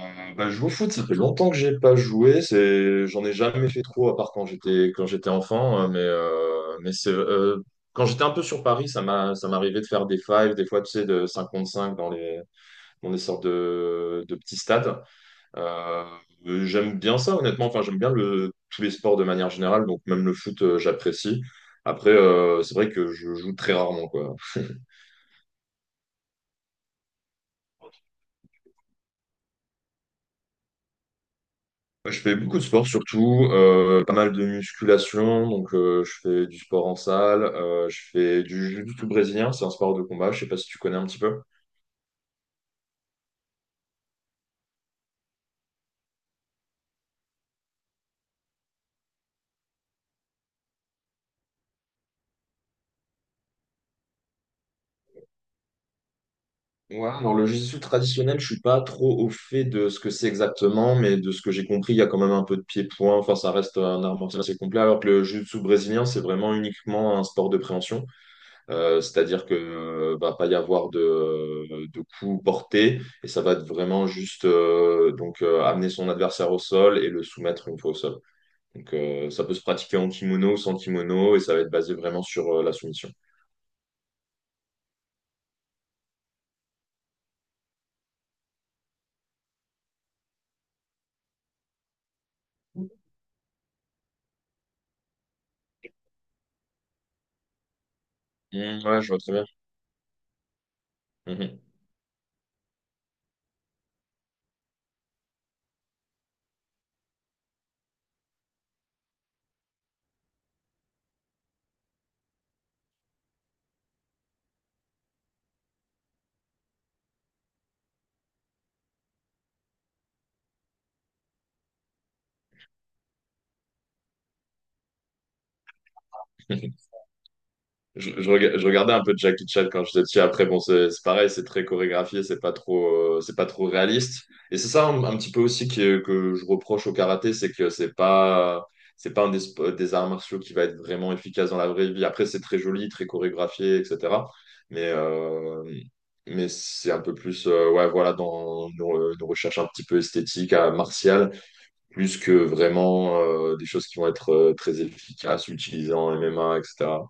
Je joue au foot, ça fait longtemps que j'ai pas joué. J'en ai jamais fait trop, à part quand j'étais enfant, hein, mais c'est quand j'étais un peu sur Paris, ça m'arrivait de faire des fives, des fois tu sais, de 5 contre 5 dans les dans des sortes de petits stades. Euh, J'aime bien ça, honnêtement. Enfin, j'aime bien le tous les sports de manière générale, donc même le foot, j'apprécie. Après, c'est vrai que je joue très rarement, quoi. Je fais beaucoup de sport, surtout pas mal de musculation, donc je fais du sport en salle. Je fais du jiu-jitsu brésilien, c'est un sport de combat, je sais pas si tu connais un petit peu. Ouais, alors le jiu-jitsu traditionnel, je suis pas trop au fait de ce que c'est exactement, mais de ce que j'ai compris, il y a quand même un peu de pied-point, enfin ça reste un art martial assez complet, alors que le jiu-jitsu brésilien, c'est vraiment uniquement un sport de préhension. C'est-à-dire que va pas y avoir de coup porté et ça va être vraiment juste donc amener son adversaire au sol et le soumettre une fois au sol. Donc ça peut se pratiquer en kimono ou sans kimono et ça va être basé vraiment sur la soumission. Mm, ouais, je vois très bien. Mhm. Je regardais un peu de Jackie Chan quand j'étais petit. Après, bon, c'est pareil, c'est très chorégraphié, c'est pas trop réaliste. Et c'est ça un petit peu aussi que je reproche au karaté, c'est que c'est pas un des arts martiaux qui va être vraiment efficace dans la vraie vie. Après, c'est très joli, très chorégraphié, etc. Mais, euh, mais c'est un peu plus, ouais, voilà, dans nos une recherche un petit peu esthétique, à martiale, plus que vraiment des choses qui vont être très efficaces, utilisées en MMA, etc.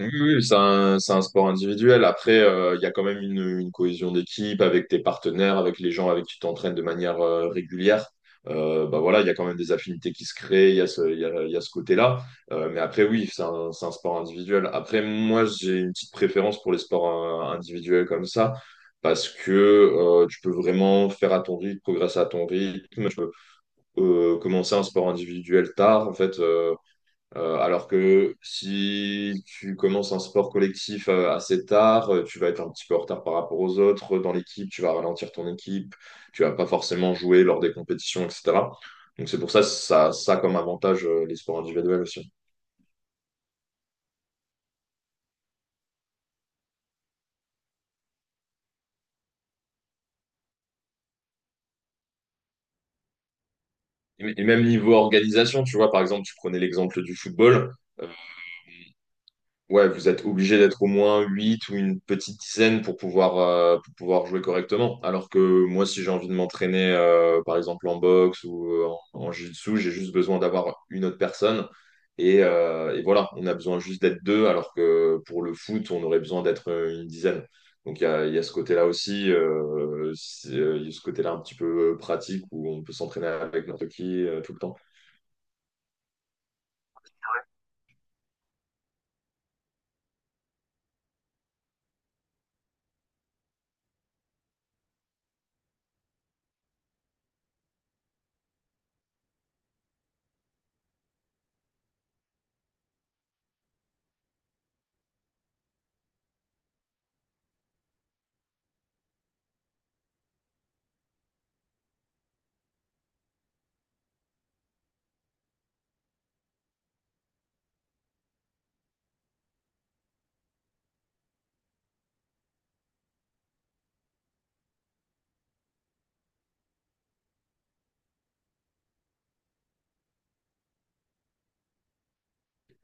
Oui, oui, oui, c'est un sport individuel. Après, il y a quand même une cohésion d'équipe avec tes partenaires, avec les gens avec qui tu t'entraînes de manière régulière. Bah voilà, il y a quand même des affinités qui se créent, il y a il y a ce côté-là. Mais après, oui, c'est un sport individuel. Après, moi, j'ai une petite préférence pour les sports individuels comme ça, parce que tu peux vraiment faire à ton rythme, progresser à ton rythme. Tu peux commencer un sport individuel tard, en fait. Alors que si tu commences un sport collectif assez tard, tu vas être un petit peu en retard par rapport aux autres dans l'équipe, tu vas ralentir ton équipe, tu vas pas forcément jouer lors des compétitions, etc. Donc c'est pour ça, ça comme avantage, les sports individuels aussi. Et même niveau organisation, tu vois, par exemple, tu prenais l'exemple du football. euh, Ouais, vous êtes obligé d'être au moins 8 ou une petite dizaine pour pouvoir jouer correctement. Alors que moi, si j'ai envie de m'entraîner, par exemple en boxe ou en jiu-jitsu, j'ai juste besoin d'avoir une autre personne. Et voilà, on a besoin juste d'être deux, alors que pour le foot, on aurait besoin d'être une dizaine. Donc il y a ce côté-là aussi, il y a ce côté-là un petit peu pratique où on peut s'entraîner avec n'importe qui tout le temps.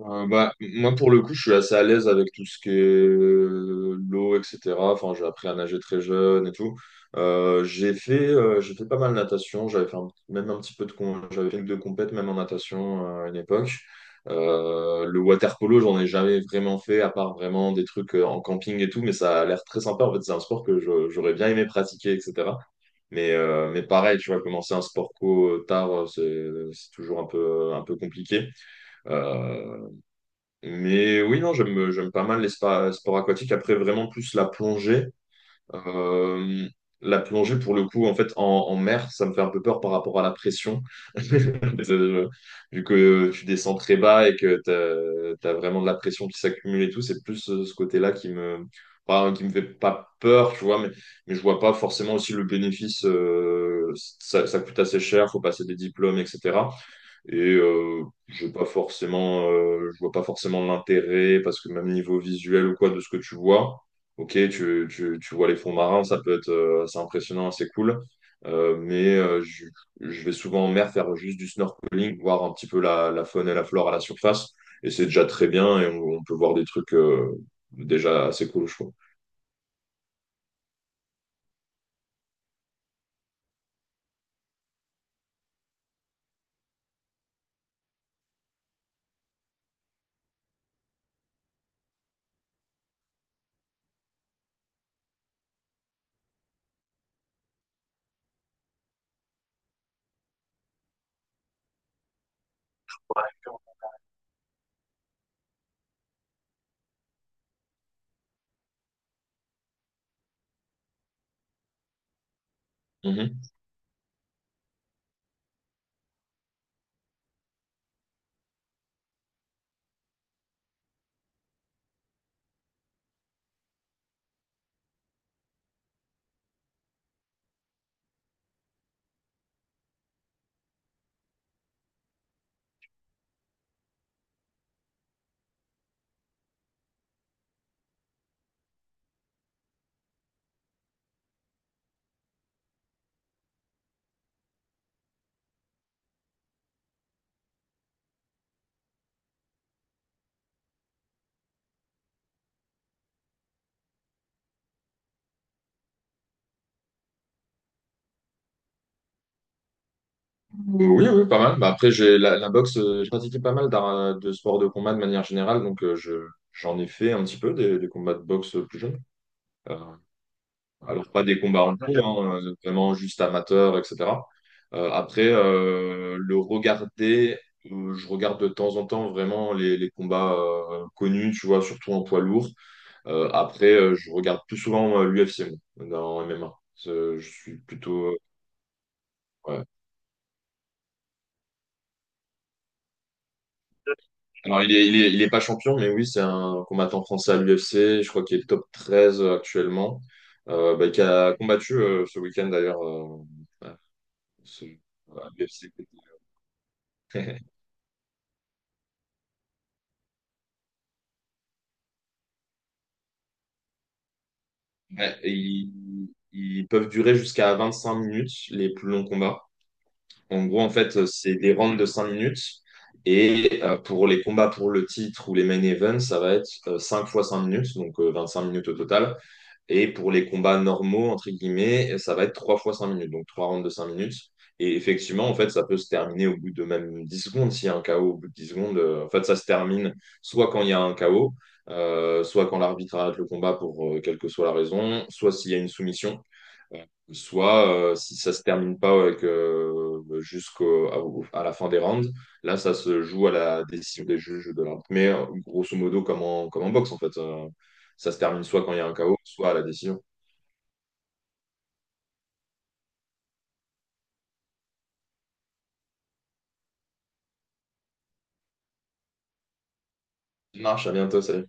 Moi, pour le coup, je suis assez à l'aise avec tout ce qui est l'eau, etc. Enfin, j'ai appris à nager très jeune et tout. J'ai fait pas mal de natation. Même un petit peu j'avais fait une de compète, même en natation à une époque. Le water polo, j'en ai jamais vraiment fait, à part vraiment des trucs en camping et tout. Mais ça a l'air très sympa. En fait, c'est un sport j'aurais bien aimé pratiquer, etc. Mais pareil, tu vois, commencer un sport co tard, c'est toujours un peu compliqué. Euh, mais oui, non, j'aime pas mal les sports aquatiques. Après, vraiment plus la plongée. Euh, la plongée, pour le coup, en fait, en mer, ça me fait un peu peur par rapport à la pression. Euh, Vu que tu descends très bas et que vraiment de la pression qui s'accumule et tout, c'est plus ce côté-là qui me, enfin, qui me fait pas peur, tu vois, mais je vois pas forcément aussi le bénéfice. Ça, ça coûte assez cher, faut passer des diplômes, etc. Et je pas forcément, je vois pas forcément l'intérêt parce que même niveau visuel ou quoi de ce que tu vois, ok, tu vois les fonds marins, ça peut être assez impressionnant, assez cool. Euh, mais euh, je, je vais souvent en mer faire juste du snorkeling, voir un petit peu la faune et la flore à la surface. Et c'est déjà très bien et on peut voir des trucs déjà assez cool, je trouve. Ah oui, oui, pas mal. Bah, après, j'ai la boxe, j'ai pratiqué pas mal de sports de combat de manière générale, donc j'en ai fait un petit peu des combats de boxe plus jeunes. Euh, alors, pas des combats en pro, hein, vraiment juste amateurs, etc. Le regarder, je regarde de temps en temps vraiment les combats connus, tu vois, surtout en poids lourd. Je regarde plus souvent l'UFC dans MMA. Je suis plutôt. Ouais, alors, il est pas champion, mais oui, c'est un combattant français à l'UFC. Je crois qu'il est top 13 actuellement. Qui a combattu ce week-end d'ailleurs, à ce- à l'UFC. Ouais, ils peuvent durer jusqu'à 25 minutes, les plus longs combats. En gros, en fait, c'est des rounds de 5 minutes. Et pour les combats pour le titre ou les main events, ça va être 5 fois 5 minutes, donc 25 minutes au total. Et pour les combats normaux, entre guillemets, ça va être 3 fois 5 minutes, donc 3 rounds de 5 minutes. Et effectivement, en fait, ça peut se terminer au bout de même 10 secondes. S'il y a un KO au bout de 10 secondes, en fait, ça se termine soit quand il y a un KO, soit quand l'arbitre arrête le combat pour quelle que soit la raison, soit s'il y a une soumission. Euh, Soit si ça se termine pas avec à la fin des rounds, là ça se joue à la décision des juges de l'arbitre. Mais grosso modo comme comme en boxe en fait, ça se termine soit quand il y a un KO, soit à la décision. Ça marche, à bientôt, salut.